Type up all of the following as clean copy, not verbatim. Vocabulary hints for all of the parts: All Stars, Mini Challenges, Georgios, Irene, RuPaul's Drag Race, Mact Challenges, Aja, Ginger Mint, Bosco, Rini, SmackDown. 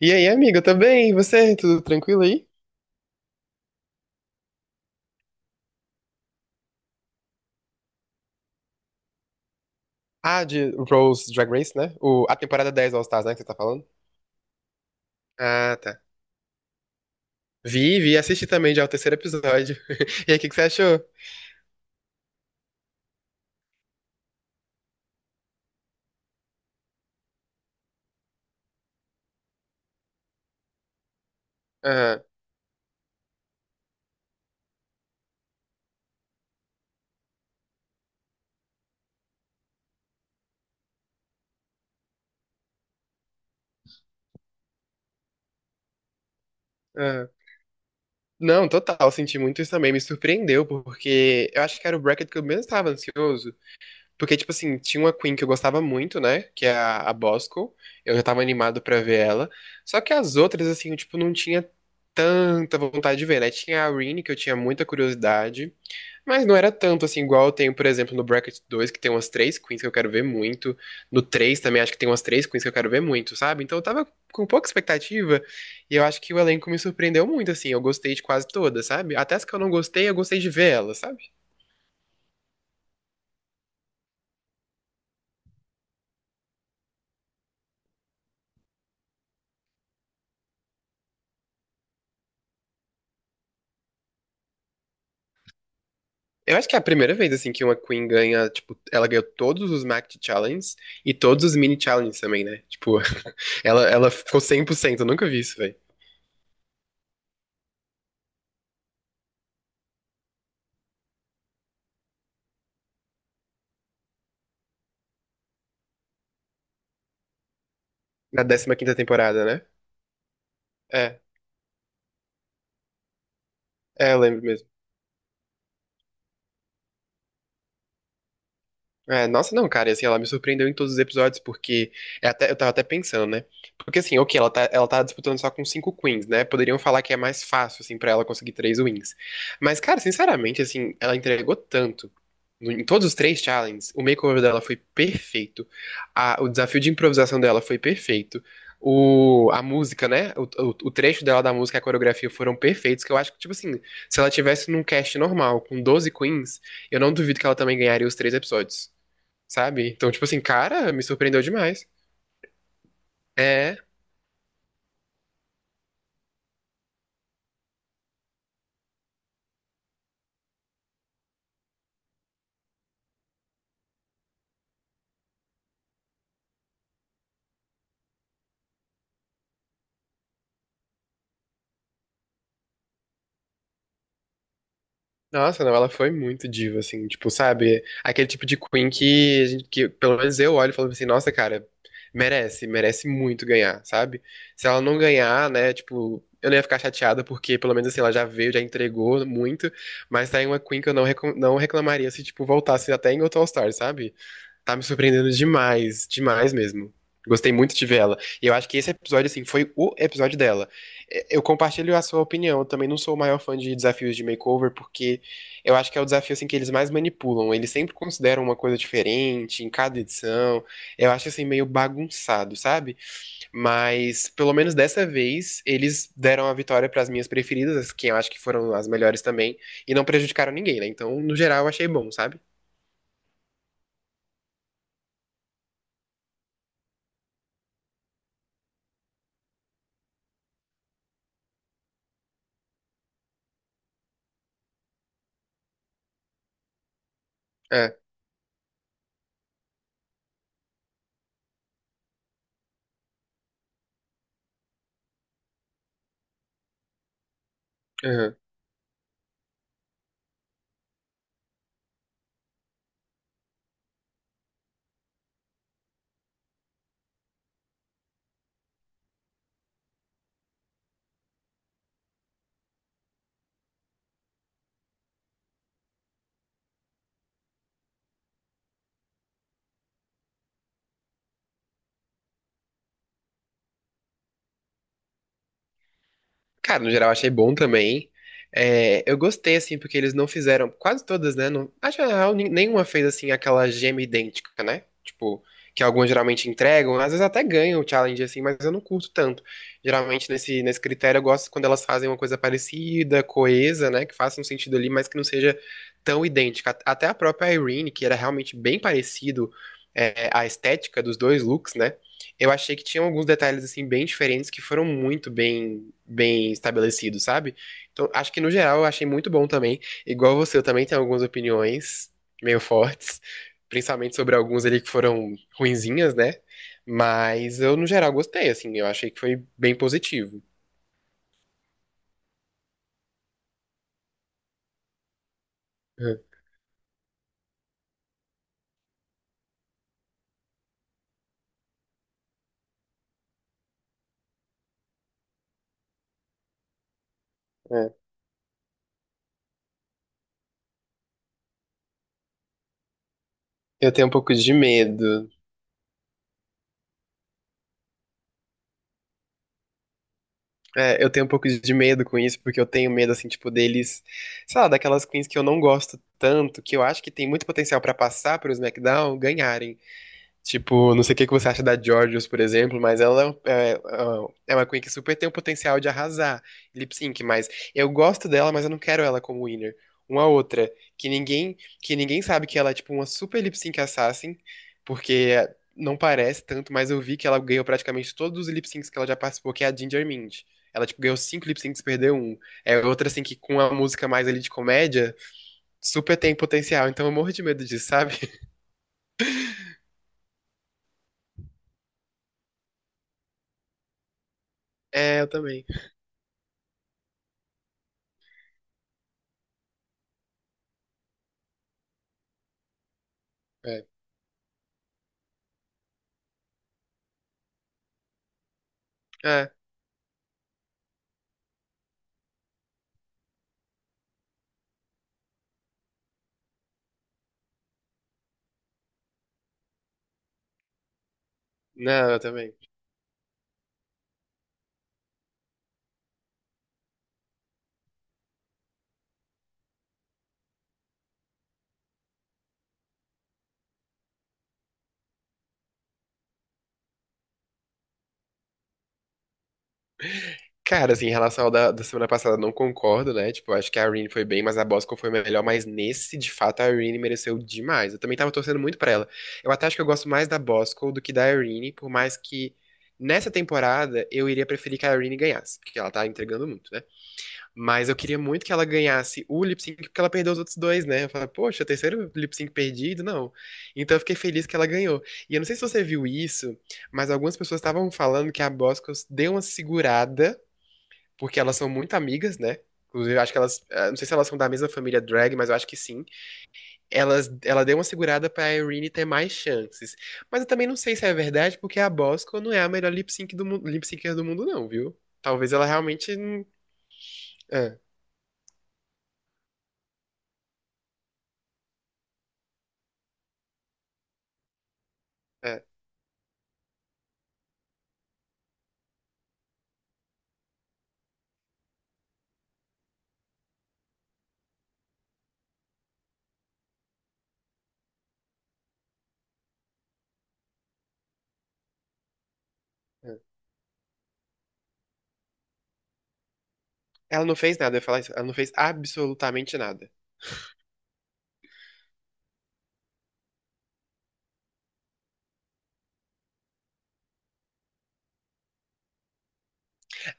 E aí, amiga, também? E você? Tudo tranquilo aí? Ah, de RuPaul's Drag Race, né? A temporada 10 All Stars, né, que você tá falando? Ah, tá. Vi, assisti também já o terceiro episódio. E aí, o que que você achou? Aham, aham. Não, total, senti muito isso também. Me surpreendeu, porque eu acho que era o bracket que eu menos estava ansioso. Porque, tipo assim, tinha uma Queen que eu gostava muito, né? Que é a Bosco. Eu já tava animado pra ver ela. Só que as outras, assim, eu, tipo, não tinha tanta vontade de ver, né? Tinha a Rini, que eu tinha muita curiosidade. Mas não era tanto assim, igual eu tenho, por exemplo, no Bracket 2 que tem umas três queens que eu quero ver muito. No 3 também acho que tem umas três queens que eu quero ver muito, sabe? Então eu tava com pouca expectativa e eu acho que o elenco me surpreendeu muito, assim. Eu gostei de quase todas, sabe? Até as que eu não gostei, eu gostei de ver elas, sabe? Eu acho que é a primeira vez, assim, que uma queen ganha, tipo, ela ganhou todos os Mact Challenges e todos os Mini Challenges também, né? Tipo, ela ficou 100%, eu nunca vi isso, velho. Na 15ª temporada, né? É, é, eu lembro mesmo. É, nossa, não, cara, e assim, ela me surpreendeu em todos os episódios, porque eu tava até pensando, né? Porque assim, ok, ela tá disputando só com 5 queens, né? Poderiam falar que é mais fácil, assim, pra ela conseguir três wins. Mas, cara, sinceramente, assim, ela entregou tanto. Em todos os três challenges, o makeover dela foi perfeito. O desafio de improvisação dela foi perfeito. A música, né? O trecho dela da música e a coreografia foram perfeitos, que eu acho que, tipo assim, se ela tivesse num cast normal, com 12 queens, eu não duvido que ela também ganharia os três episódios, sabe? Então, tipo assim, cara, me surpreendeu demais. É. Nossa, não, ela foi muito diva, assim, tipo, sabe? Aquele tipo de Queen que, que pelo menos eu olho e falo assim, nossa, cara, merece, merece muito ganhar, sabe? Se ela não ganhar, né, tipo, eu não ia ficar chateada porque, pelo menos assim, ela já veio, já entregou muito, mas tá em uma Queen que eu não, não reclamaria se, tipo, voltasse até em outro All-Star, sabe? Tá me surpreendendo demais, demais mesmo. Gostei muito de ver ela. E eu acho que esse episódio, assim, foi o episódio dela. É, eu compartilho a sua opinião. Eu também não sou o maior fã de desafios de makeover, porque eu acho que é o desafio, assim, que eles mais manipulam. Eles sempre consideram uma coisa diferente em cada edição. Eu acho, assim, meio bagunçado, sabe? Mas, pelo menos dessa vez, eles deram a vitória para as minhas preferidas, as que eu acho que foram as melhores também, e não prejudicaram ninguém, né? Então, no geral, eu achei bom, sabe? É, aham. Cara, no geral achei bom também. É, eu gostei, assim, porque eles não fizeram. Quase todas, né? Não, acho que na real, nenhuma fez, assim, aquela gema idêntica, né? Tipo, que algumas geralmente entregam, às vezes até ganham o challenge, assim, mas eu não curto tanto. Geralmente, nesse critério, eu gosto quando elas fazem uma coisa parecida, coesa, né? Que faça um sentido ali, mas que não seja tão idêntica. Até a própria Irene, que era realmente bem parecido, é, a estética dos dois looks, né? Eu achei que tinha alguns detalhes assim bem diferentes que foram muito bem estabelecidos, sabe? Então, acho que no geral eu achei muito bom também. Igual você, eu também tenho algumas opiniões meio fortes, principalmente sobre alguns ali que foram ruinzinhas, né? Mas eu no geral gostei, assim, eu achei que foi bem positivo. Uhum. É. Eu tenho um pouco de medo. É, eu tenho um pouco de medo com isso, porque eu tenho medo, assim, tipo, deles, sei lá, daquelas queens que eu não gosto tanto, que eu acho que tem muito potencial pra passar pros SmackDown, ganharem. Tipo, não sei o que que você acha da Georgios, por exemplo, mas ela é uma Queen que super tem o potencial de arrasar em lip sync, mas eu gosto dela, mas eu não quero ela como winner. Uma outra, que ninguém, que ninguém sabe que ela é tipo uma super lip sync assassin, porque não parece tanto, mas eu vi que ela ganhou praticamente todos os lip syncs que ela já participou, que é a Ginger Mint. Ela, tipo, ganhou 5 lip syncs e perdeu um. É outra, assim, que com a música mais ali de comédia, super tem potencial. Então eu morro de medo disso, sabe? É, eu também. É. É. Não, eu também. Cara, assim, em relação ao da semana passada, não concordo, né? Tipo, acho que a Irene foi bem, mas a Bosco foi melhor. Mas nesse, de fato, a Irene mereceu demais. Eu também tava torcendo muito pra ela. Eu até acho que eu gosto mais da Bosco do que da Irene, por mais que nessa temporada eu iria preferir que a Irene ganhasse, porque ela tá entregando muito, né? Mas eu queria muito que ela ganhasse o lip sync, porque ela perdeu os outros dois, né? Eu falei, poxa, terceiro lip sync perdido, não. Então eu fiquei feliz que ela ganhou. E eu não sei se você viu isso, mas algumas pessoas estavam falando que a Boscos deu uma segurada, porque elas são muito amigas, né? Inclusive, eu acho que elas. Não sei se elas são da mesma família drag, mas eu acho que sim. Ela deu uma segurada pra Irene ter mais chances. Mas eu também não sei se é verdade, porque a Bosco não é a melhor lip sync do mundo, lip syncer do mundo, não, viu? Talvez ela realmente. É, é. Ela não fez nada, eu ia falar isso. Ela não fez absolutamente nada.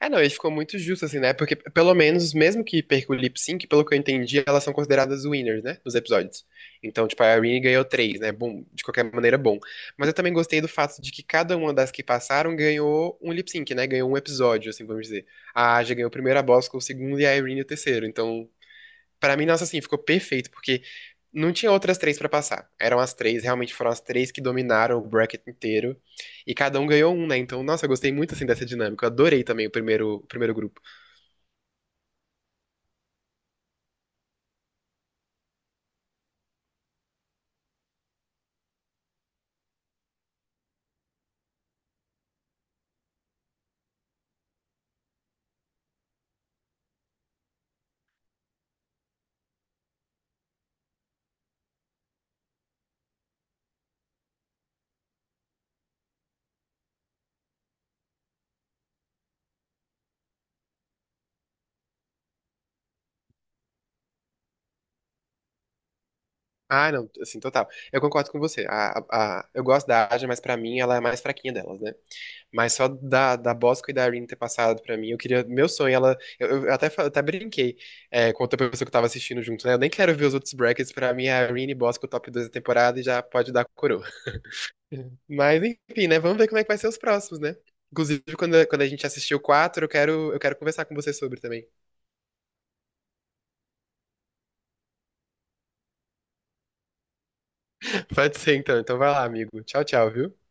Ah, não, ele ficou muito justo, assim, né? Porque, pelo menos, mesmo que perca o lip sync, pelo que eu entendi, elas são consideradas winners, né? Dos episódios. Então, tipo, a Irene ganhou três, né? Bom, de qualquer maneira, bom. Mas eu também gostei do fato de que cada uma das que passaram ganhou um lip sync, né? Ganhou um episódio, assim, vamos dizer. A Aja ganhou o primeiro, a Bosco o segundo e a Irene o terceiro. Então, pra mim, nossa, assim, ficou perfeito, porque não tinha outras três pra passar. Eram as três, realmente foram as três que dominaram o bracket inteiro. E cada um ganhou um, né? Então, nossa, eu gostei muito, assim, dessa dinâmica. Eu adorei também o primeiro grupo. Ah, não, assim, total. Eu concordo com você. Eu gosto da Aja, mas pra mim ela é a mais fraquinha delas, né? Mas só da, da Bosco e da Irene ter passado pra mim, eu queria. Meu sonho, ela. Eu até, até brinquei é, com outra pessoa que eu tava assistindo junto, né? Eu nem quero ver os outros brackets. Pra mim, é a Irene e Bosco, top 2 da temporada, e já pode dar coroa. Mas enfim, né? Vamos ver como é que vai ser os próximos, né? Inclusive, quando a gente assistir o 4 eu quero conversar com você sobre também. Pode ser, então. Então vai lá, amigo. Tchau, tchau, viu?